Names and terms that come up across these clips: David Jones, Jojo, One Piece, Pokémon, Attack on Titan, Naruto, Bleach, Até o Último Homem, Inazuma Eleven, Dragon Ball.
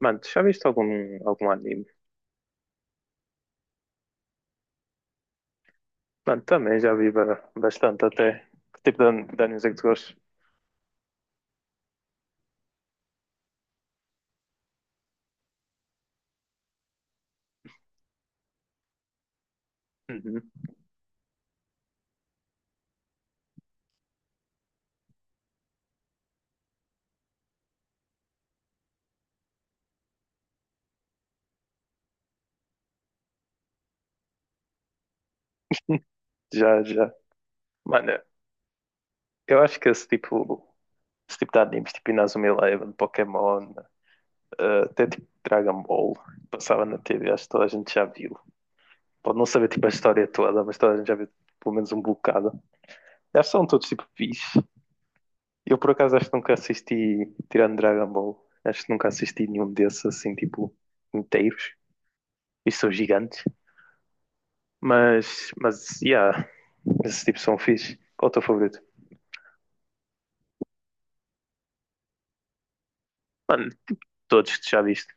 Mano, tu já viste algum anime? Mano, também já vi bastante até. Que tipo de, de animes é que tu gostas? Uhum. Já, já. Mano, eu acho que esse tipo de animes, tipo Inazuma Eleven, Pokémon, até tipo Dragon Ball, passava na TV, acho que toda a gente já viu. Pode não saber tipo a história toda, mas toda a gente já viu pelo menos um bocado. Acho que são todos tipo fixe. Eu por acaso acho que nunca assisti, tirando Dragon Ball, acho que nunca assisti nenhum desses assim tipo inteiros. E são gigantes. Yeah, esse tipo são fixe. Qual é o teu favorito? Mano, todos que tu já viste.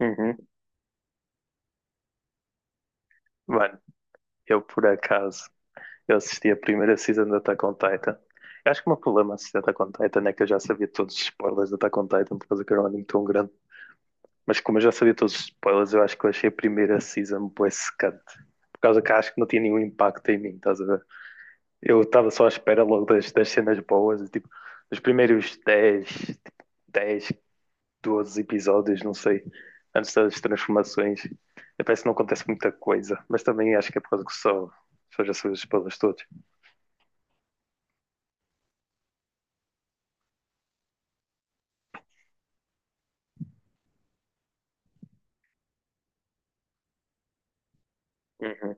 Uhum. Mano, eu por acaso, eu assisti a primeira season da Attack on Titan. Eu acho que o meu problema a assistir Attack on Titan é que eu já sabia todos os spoilers da Attack on Titan por causa que era um anime tão grande. Mas como eu já sabia todos os spoilers, eu acho que eu achei a primeira season bué secante. Por causa que acho que não tinha nenhum impacto em mim, estás a ver? Eu estava só à espera logo das cenas boas, e, tipo, os primeiros 10, 12 episódios, não sei, antes das transformações. E parece que não acontece muita coisa, mas também acho que é por causa só já são os spoilers todos. Uhum.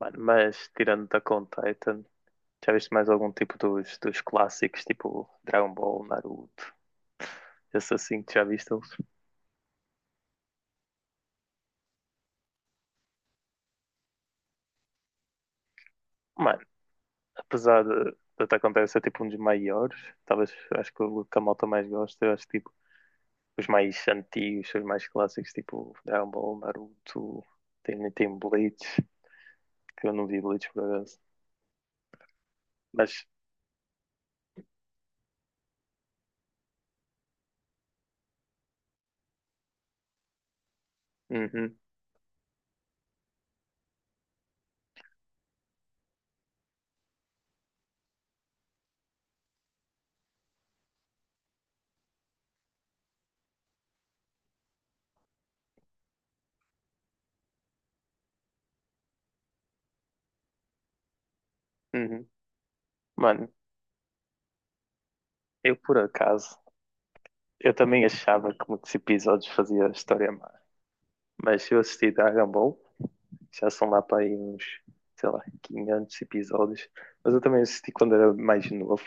Mano, mas tirando da on Titan, já viste mais algum tipo dos clássicos, tipo Dragon Ball, Naruto, esse assim que já viste eles? Mano, apesar de Attack on Titan ser tipo um dos maiores, talvez acho que o que a malta mais gosta, eu acho tipo os mais antigos, os mais clássicos, tipo Dragon Ball, Naruto, tem Bleach, que eu não vi Bleach por acaso. Mas, uhum, uhum. Mano, eu por acaso, eu também achava que muitos episódios fazia a história má. Mas eu assisti Dragon Ball, já são lá para aí uns, sei lá, 500 episódios. Mas eu também assisti quando era mais novo.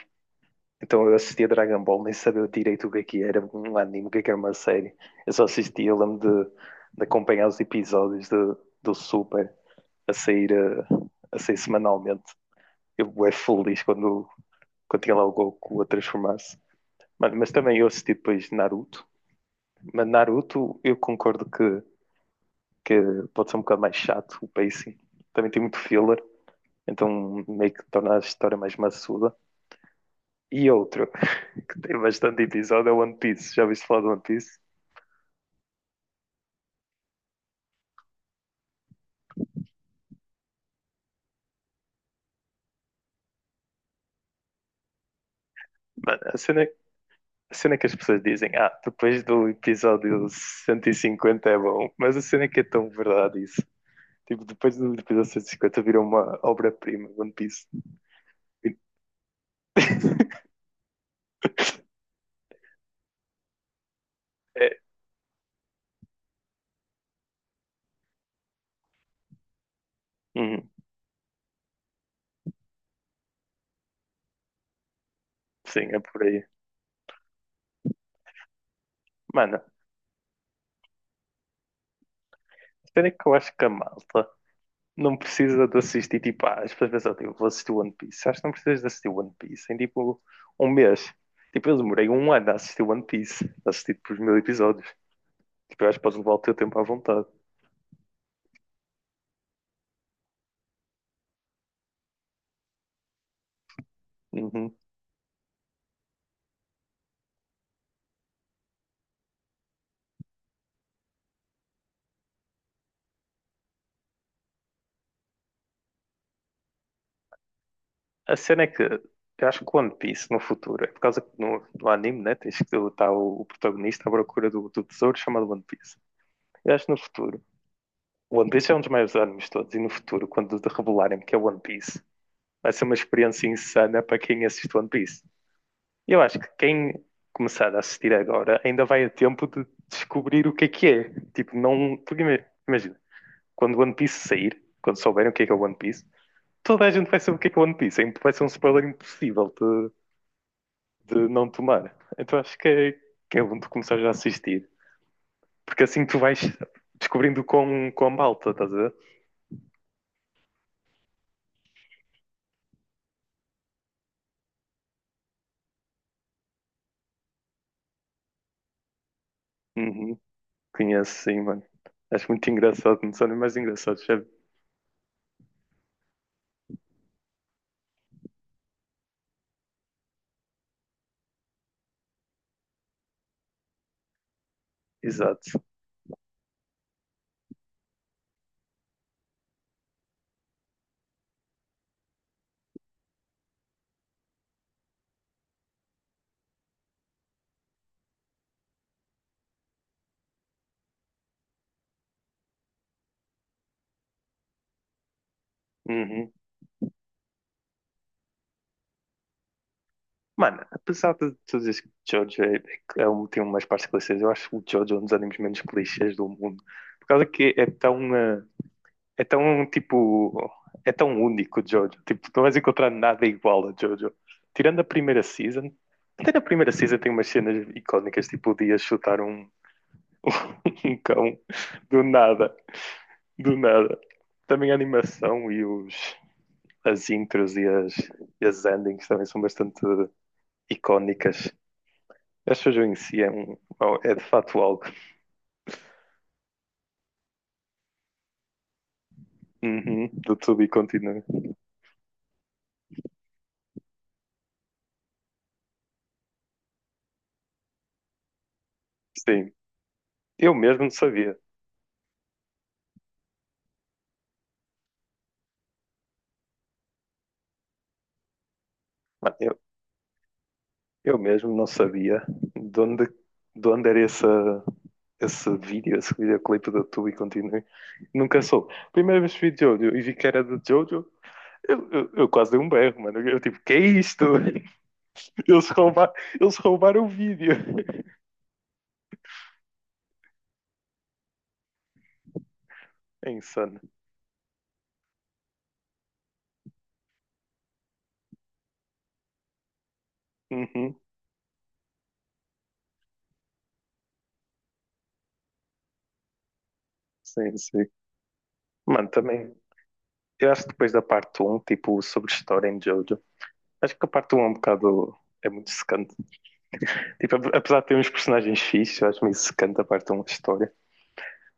Então eu assistia Dragon Ball, nem sabia direito o que é que era um anime, o que é que era uma série. Eu só assistia, de acompanhar os episódios do Super a sair, sair semanalmente. Eu é feliz quando tinha lá o Goku a transformar-se. Mano, mas também eu assisti depois Naruto. Mas Naruto, eu concordo que pode ser um bocado mais chato o pacing. Também tem muito filler, então meio que torna a história mais maçuda. E outro, que tem bastante episódio, é One Piece. Já ouviste falar de One Piece? Mano, a cena que as pessoas dizem, ah, depois do episódio 150 é bom, mas a cena é que é tão verdade isso. Tipo, depois do episódio 150 virou uma obra-prima, One Piece. É, uhum, sim, é por aí. Mano, a cena é que eu acho que a malta não precisa de assistir, tipo, ah, as pessoas pensam, tipo, vou assistir One Piece. Acho que não precisas de assistir One Piece em, tipo, um mês. Tipo, eu demorei um ano a assistir One Piece, a assistir, tipo, os mil episódios. Tipo, eu acho que podes levar o teu tempo à vontade. Uhum. A cena é que eu acho que o One Piece, no futuro, é por causa que no anime, né, tens que estar o protagonista à procura do tesouro chamado One Piece. Eu acho que no futuro, o One Piece é um dos maiores animes de todos, e no futuro, quando revelarem que é One Piece, vai ser uma experiência insana para quem assiste One Piece. Eu acho que quem começar a assistir agora ainda vai a tempo de descobrir o que é que é. Tipo, não. Porque imagina, quando One Piece sair, quando souberem o que é One Piece, toda a gente vai saber o que é One Piece. É vai ser um spoiler impossível de não tomar. Então acho que é bom tu começar já a assistir. Porque assim tu vais descobrindo com a malta, estás a ver? Uhum. Conheço, sim, mano. Acho muito engraçado, não são nem mais engraçados, sabe? Exato. Uhum. Mano, apesar de tu dizeres que Jojo é um, tem umas partes clichês, eu acho que o Jojo é um dos animes menos clichês do mundo. Por causa que é tão, é tão tipo, é tão único o Jojo. Tipo, tu não vais encontrar nada igual a Jojo. Tirando a primeira season, até na primeira season tem umas cenas icónicas, tipo o Dia chutar um, um cão do nada, do nada. Também a animação as intros e as endings também são bastante icónicas. A shoujo em si é, um, é de facto algo uhum, do tudo e continua. Sim, eu mesmo não sabia. Mano, eu mesmo não sabia de onde, de onde era essa, esse vídeo, esse videoclipe do tudo e continua. Nunca soube. Primeira vez que vi Jojo e vi que era de Jojo, eu quase dei um berro, mano. Eu tipo, que é isto? Eles, rouba, eles roubaram o vídeo. É insano. Uhum, sim, sim. Mano, também, eu acho que depois da parte um, tipo, sobre história em Jojo, acho que a parte um é um bocado. É muito secante. Tipo, apesar de ter uns personagens fixes, eu acho meio secante a parte um da história.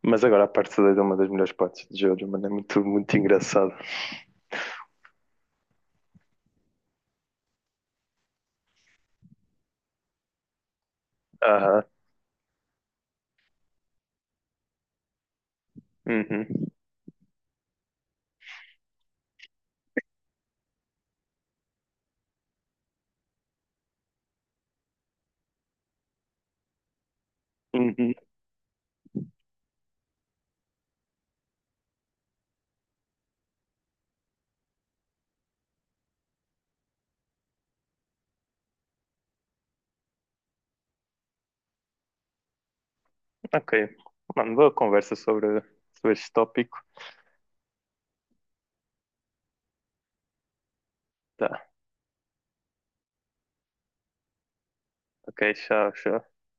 Mas agora a parte 2 é uma das melhores partes de Jojo, mano. É muito, muito engraçado. Aham. Uhum. Uhum. Ok. Mano, boa conversa sobre, sobre este tópico. Tá. Ok, tchau, tchau.